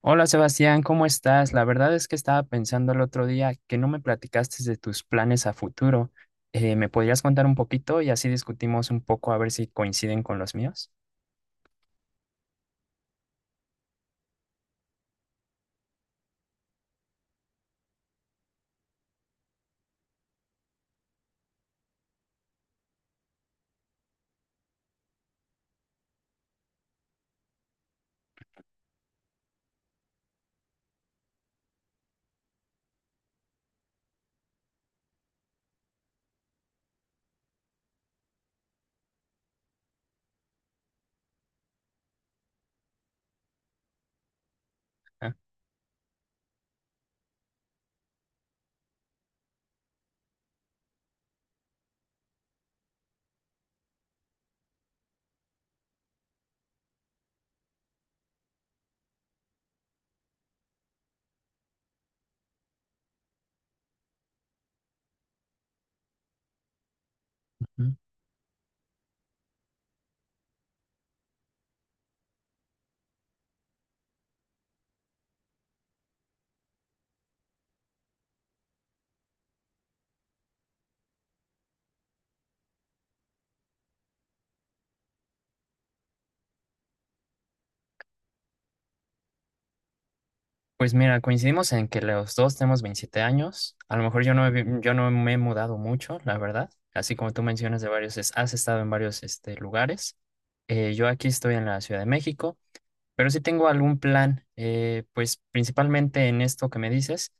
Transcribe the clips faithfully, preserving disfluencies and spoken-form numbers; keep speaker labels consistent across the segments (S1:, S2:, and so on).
S1: Hola Sebastián, ¿cómo estás? La verdad es que estaba pensando el otro día que no me platicaste de tus planes a futuro. Eh, ¿me podrías contar un poquito y así discutimos un poco a ver si coinciden con los míos? Ah, ujú. Pues mira, coincidimos en que los dos tenemos veintisiete años. A lo mejor yo no, he vi- yo no me he mudado mucho, la verdad. Así como tú mencionas de varios, es- has estado en varios este, lugares. Eh, yo aquí estoy en la Ciudad de México, pero sí tengo algún plan, eh, pues principalmente en esto que me dices.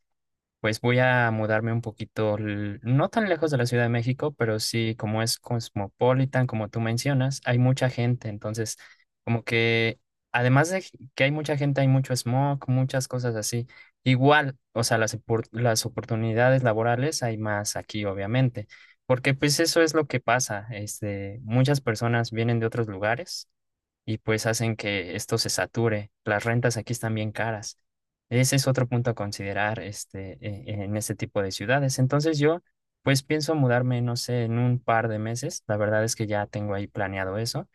S1: Pues voy a mudarme un poquito, l- no tan lejos de la Ciudad de México, pero sí, como es cosmopolitan, como tú mencionas, hay mucha gente. Entonces como que, además de que hay mucha gente, hay mucho smog, muchas cosas así. Igual, o sea, las, opor- las oportunidades laborales hay más aquí, obviamente, porque pues eso es lo que pasa. Este, muchas personas vienen de otros lugares y pues hacen que esto se sature. Las rentas aquí están bien caras. Ese es otro punto a considerar este, e- en este tipo de ciudades. Entonces yo pues pienso mudarme, no sé, en un par de meses. La verdad es que ya tengo ahí planeado eso.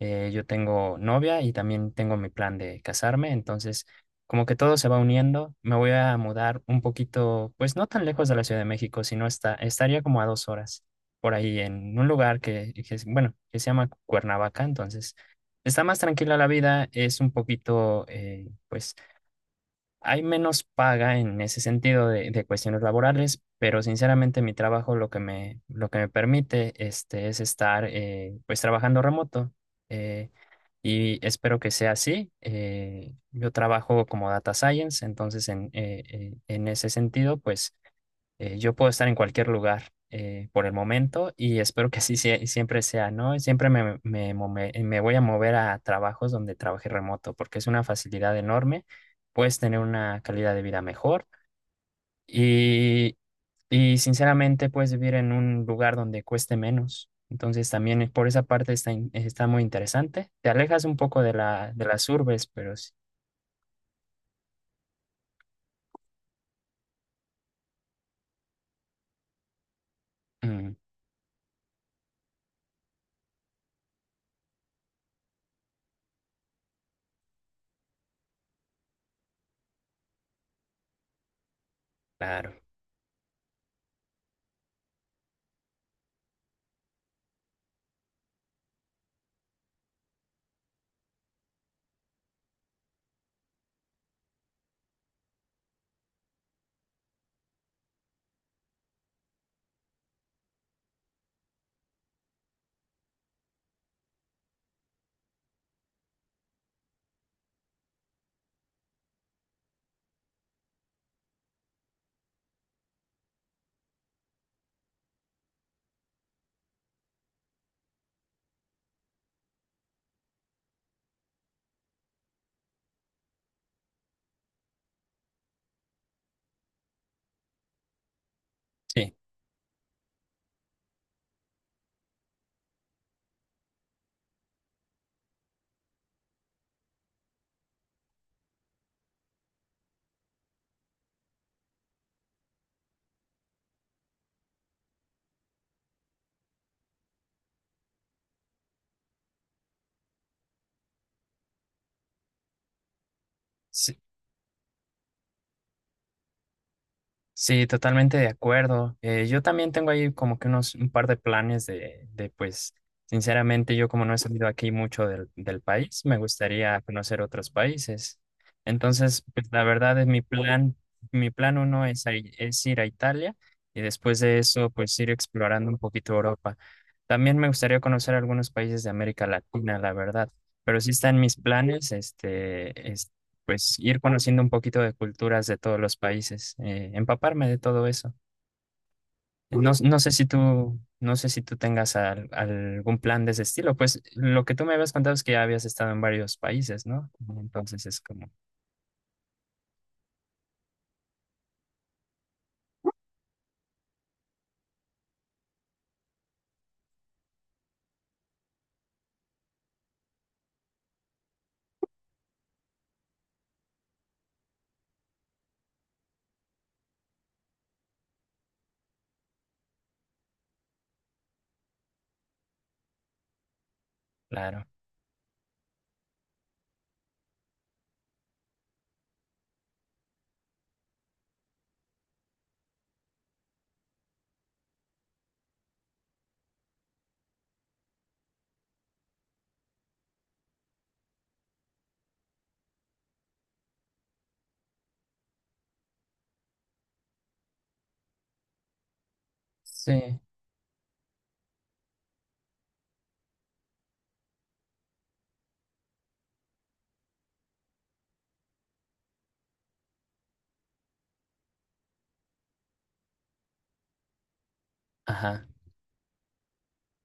S1: Eh, yo tengo novia y también tengo mi plan de casarme. Entonces como que todo se va uniendo. Me voy a mudar un poquito, pues no tan lejos de la Ciudad de México, sino está, estaría como a dos horas por ahí en un lugar que, que es- bueno, que se llama Cuernavaca. Entonces está más tranquila la vida, es un poquito, eh, pues hay menos paga en ese sentido de, de cuestiones laborales, pero sinceramente mi trabajo lo que me, lo que me permite este, es estar eh, pues trabajando remoto eh, y espero que sea así. eh, yo trabajo como data science, entonces en, eh, eh, en ese sentido, pues eh, yo puedo estar en cualquier lugar eh, por el momento y espero que así sea- siempre sea, ¿no? Siempre me, me, mome- me voy a mover a trabajos donde trabaje remoto porque es una facilidad enorme, puedes tener una calidad de vida mejor y, y sinceramente puedes vivir en un lugar donde cueste menos. Entonces también eh, por esa parte está, in- está muy interesante. Te alejas un poco de la, de las urbes, pero sí. Mm, claro, sí. Sí, totalmente de acuerdo. Eh, yo también tengo ahí como que unos un par de planes de, de pues, sinceramente, yo como no he salido aquí mucho del, del país, me gustaría conocer otros países. Entonces, pues, la verdad es mi plan, mi plan uno es, a- es ir a Italia y después de eso, pues ir explorando un poquito Europa. También me gustaría conocer algunos países de América Latina, la verdad. Pero sí están mis planes, este, pues ir conociendo un poquito de culturas de todos los países, eh, empaparme de todo eso. No, no sé si tú, no sé si tú tengas al- algún plan de ese estilo, pues lo que tú me habías contado es que ya habías estado en varios países, ¿no? Entonces es como, claro. Sí, ajá,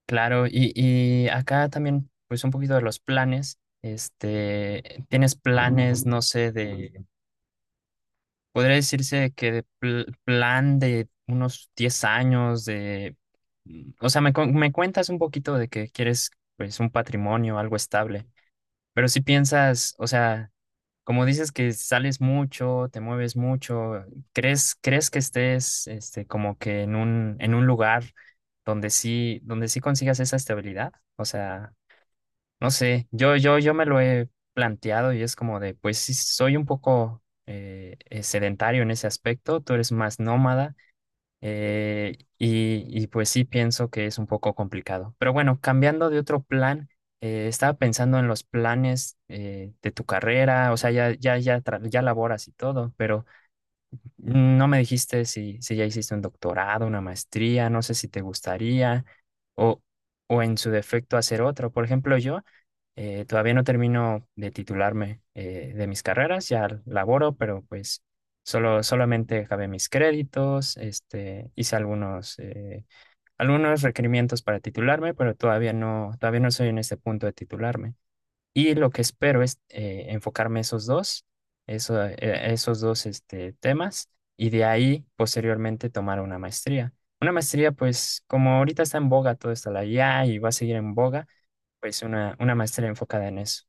S1: claro. Y, y acá también, pues un poquito de los planes, este, ¿tienes planes, no sé, de podría decirse que de pl- plan de unos diez años de... Mm, o sea, me, cu- me cuentas un poquito de que quieres pues un patrimonio, algo estable, pero si piensas, o sea, como dices que sales mucho, te mueves mucho, ¿crees, ¿crees que estés este, como que en un, en un lugar donde sí, donde sí consigas esa estabilidad? O sea, no sé, yo, yo, yo me lo he planteado y es como de, pues sí, soy un poco eh, eh, sedentario en ese aspecto, tú eres más nómada eh, y, y pues sí pienso que es un poco complicado. Pero bueno, cambiando de otro plan, eh, estaba pensando en los planes eh, de tu carrera, o sea, ya, ya, ya, tra- ya laboras y todo, pero no me dijiste si, si ya hiciste un doctorado, una maestría, no sé si te gustaría o, o en su defecto hacer otro. Por ejemplo, yo. Eh, todavía no termino de titularme eh, de mis carreras, ya laboro, pero pues solo, solamente acabé mis créditos, este, hice algunos, eh, algunos requerimientos para titularme, pero todavía no, todavía no soy en este punto de titularme. Y lo que espero es eh, enfocarme esos dos, eso, eh, esos dos este, temas, y de ahí posteriormente tomar una maestría. Una maestría, pues como ahorita está en boga todo está la I A y va a seguir en boga, pues una, una maestría enfocada en eso.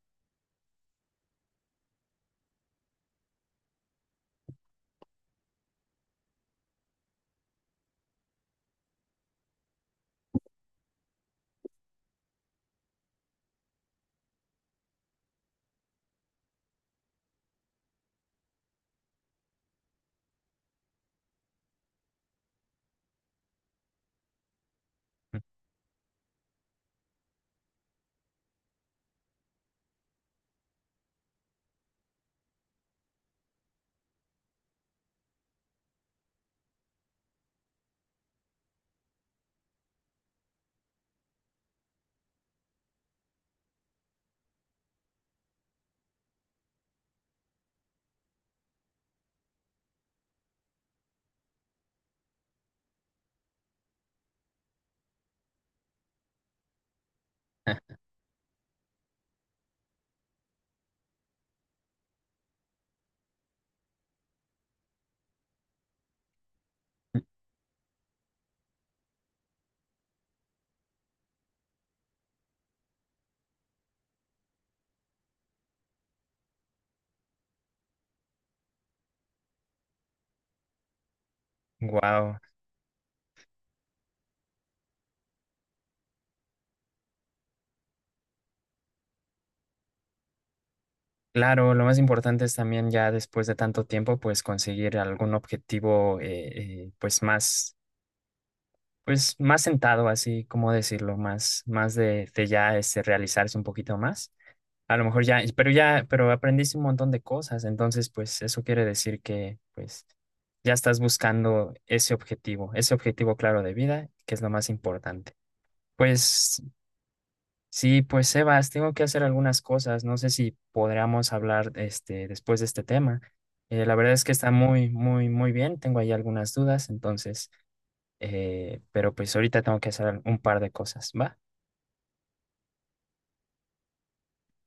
S1: Wow. Claro, lo más importante es también ya después de tanto tiempo, pues conseguir algún objetivo, eh, eh, pues más, pues más sentado, así como decirlo, más, más de, de ya este, realizarse un poquito más. A lo mejor ya, pero ya, pero aprendiste un montón de cosas, entonces pues eso quiere decir que pues ya estás buscando ese objetivo, ese objetivo claro de vida, que es lo más importante. Pues sí, pues Sebas, tengo que hacer algunas cosas. No sé si podríamos hablar este, después de este tema. Eh, la verdad es que está muy, muy, muy bien. Tengo ahí algunas dudas, entonces, eh, pero pues ahorita tengo que hacer un par de cosas, ¿va?